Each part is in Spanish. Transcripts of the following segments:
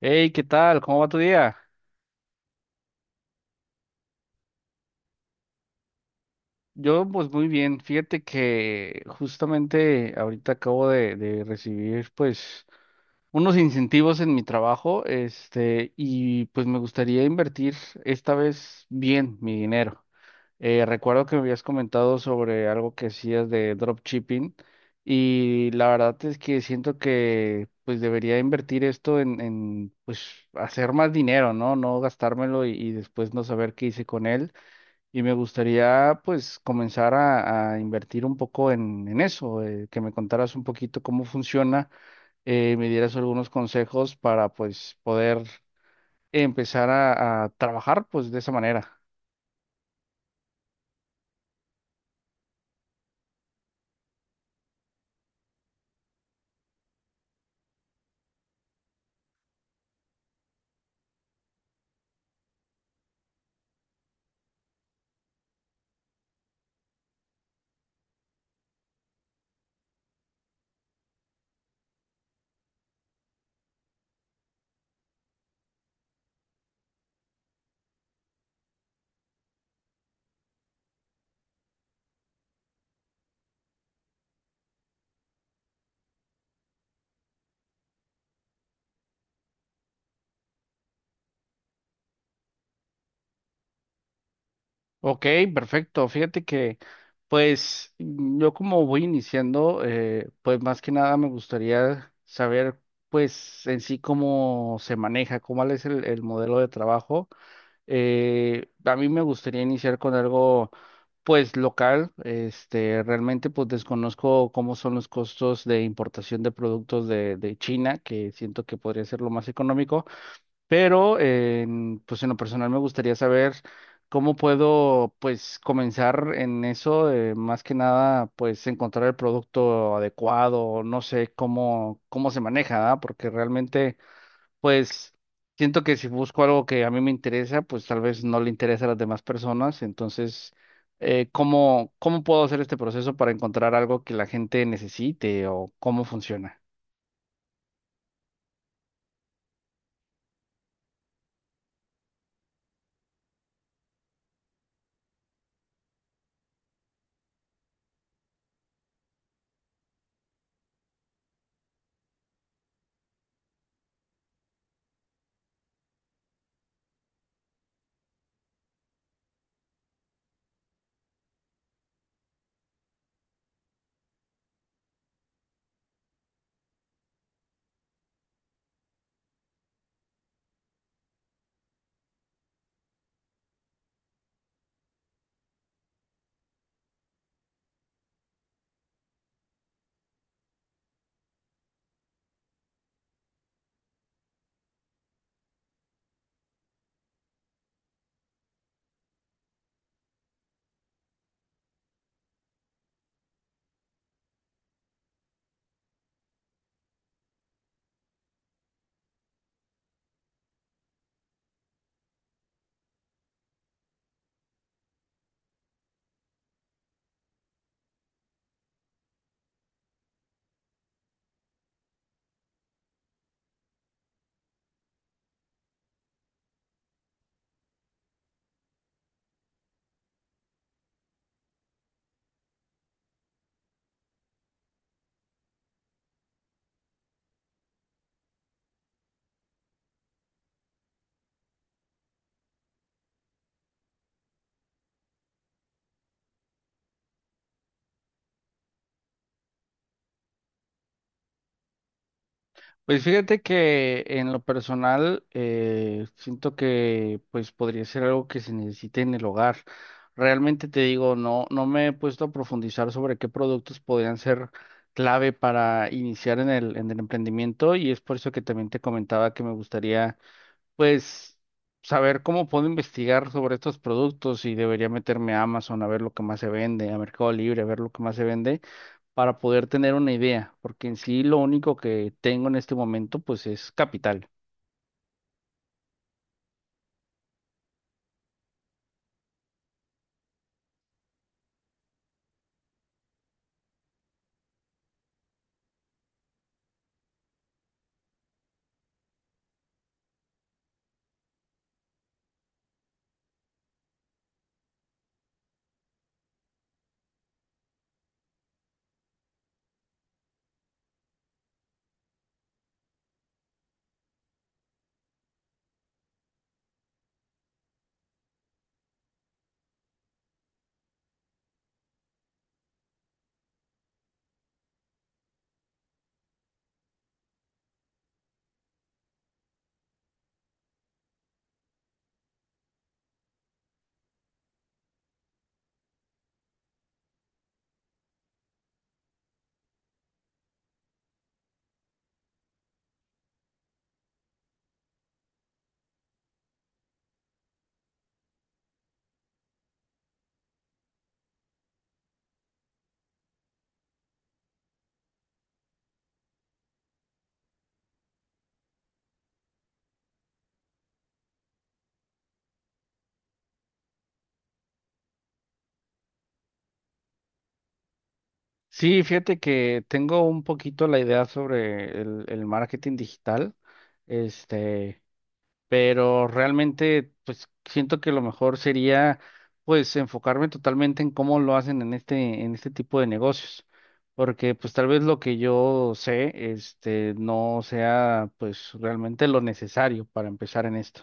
Hey, ¿qué tal? ¿Cómo va tu día? Yo, pues muy bien. Fíjate que justamente ahorita acabo de recibir, pues, unos incentivos en mi trabajo, este, y pues me gustaría invertir esta vez bien mi dinero. Recuerdo que me habías comentado sobre algo que hacías de dropshipping y la verdad es que siento que, pues, debería invertir esto en pues, hacer más dinero, ¿no? No gastármelo y después no saber qué hice con él. Y me gustaría pues comenzar a invertir un poco en eso, que me contaras un poquito cómo funciona, me dieras algunos consejos para pues poder empezar a trabajar pues de esa manera. Ok, perfecto. Fíjate que pues yo como voy iniciando, pues más que nada me gustaría saber pues en sí cómo se maneja, cómo es el modelo de trabajo. A mí me gustaría iniciar con algo, pues, local. Este, realmente, pues, desconozco cómo son los costos de importación de productos de China, que siento que podría ser lo más económico. Pero, en, pues, en lo personal me gustaría saber cómo puedo, pues, comenzar en eso. Más que nada, pues, encontrar el producto adecuado. No sé cómo, cómo se maneja, ¿ah? Porque realmente pues siento que si busco algo que a mí me interesa, pues tal vez no le interesa a las demás personas. Entonces, ¿cómo, cómo puedo hacer este proceso para encontrar algo que la gente necesite o cómo funciona? Pues fíjate que en lo personal siento que pues podría ser algo que se necesite en el hogar. Realmente te digo, no, no me he puesto a profundizar sobre qué productos podrían ser clave para iniciar en el emprendimiento y es por eso que también te comentaba que me gustaría pues saber cómo puedo investigar sobre estos productos y debería meterme a Amazon a ver lo que más se vende, a Mercado Libre a ver lo que más se vende para poder tener una idea, porque en sí lo único que tengo en este momento pues es capital. Sí, fíjate que tengo un poquito la idea sobre el marketing digital. Este, pero realmente pues siento que lo mejor sería pues enfocarme totalmente en cómo lo hacen en este tipo de negocios, porque pues tal vez lo que yo sé este no sea pues realmente lo necesario para empezar en esto.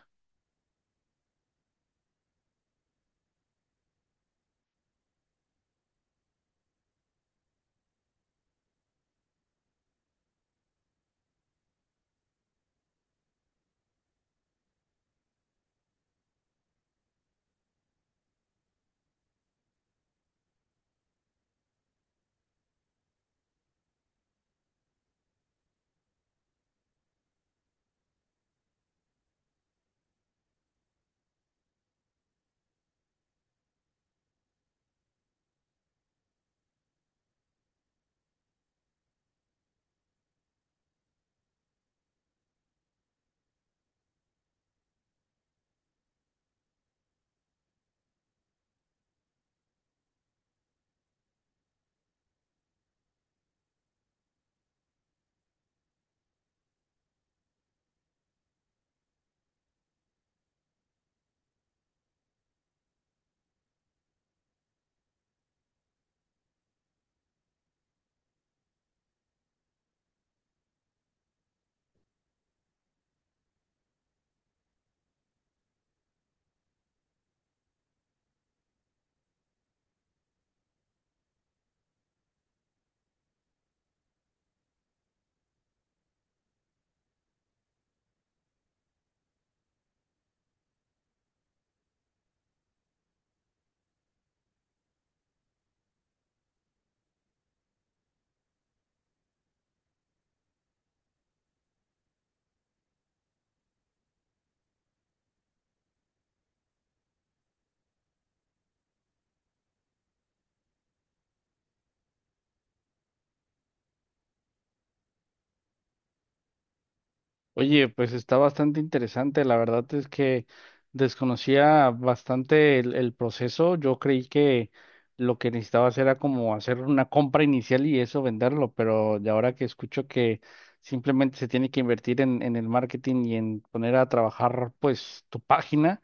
Oye, pues está bastante interesante. La verdad es que desconocía bastante el proceso. Yo creí que lo que necesitabas era como hacer una compra inicial y eso venderlo, pero de ahora que escucho que simplemente se tiene que invertir en el marketing y en poner a trabajar pues tu página,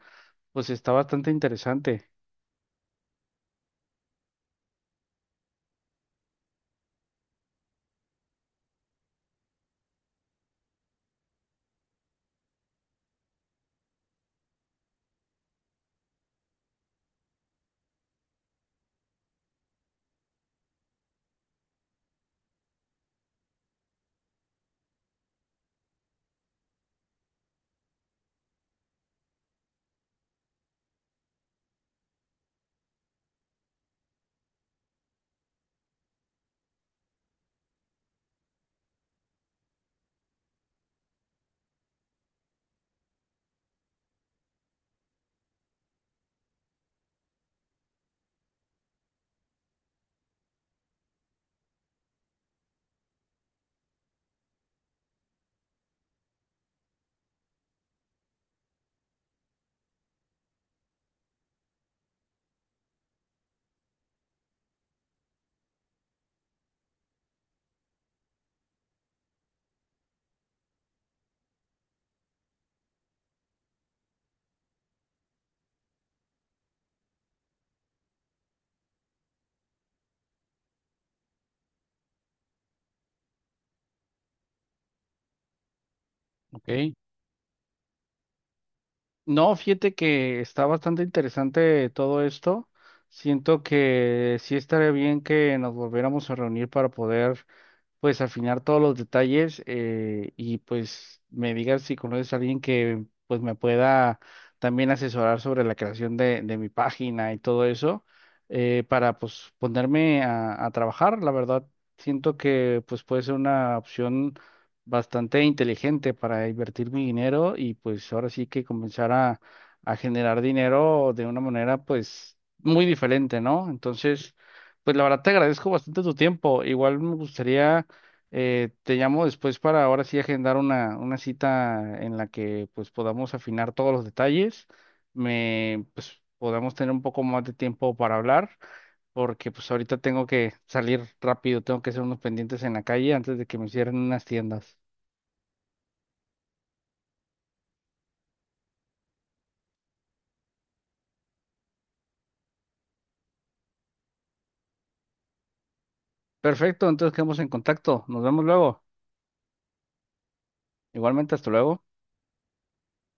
pues está bastante interesante. Ok. No, fíjate que está bastante interesante todo esto. Siento que sí estaría bien que nos volviéramos a reunir para poder pues afinar todos los detalles y pues me digas si conoces a alguien que pues me pueda también asesorar sobre la creación de mi página y todo eso para pues ponerme a trabajar. La verdad, siento que pues puede ser una opción bastante inteligente para invertir mi dinero y pues ahora sí que comenzar a generar dinero de una manera pues muy diferente, ¿no? Entonces, pues la verdad te agradezco bastante tu tiempo. Igual me gustaría te llamo después para ahora sí agendar una cita en la que pues podamos afinar todos los detalles, me pues podamos tener un poco más de tiempo para hablar, porque pues ahorita tengo que salir rápido, tengo que hacer unos pendientes en la calle antes de que me cierren unas tiendas. Perfecto, entonces quedamos en contacto, nos vemos luego. Igualmente, hasta luego.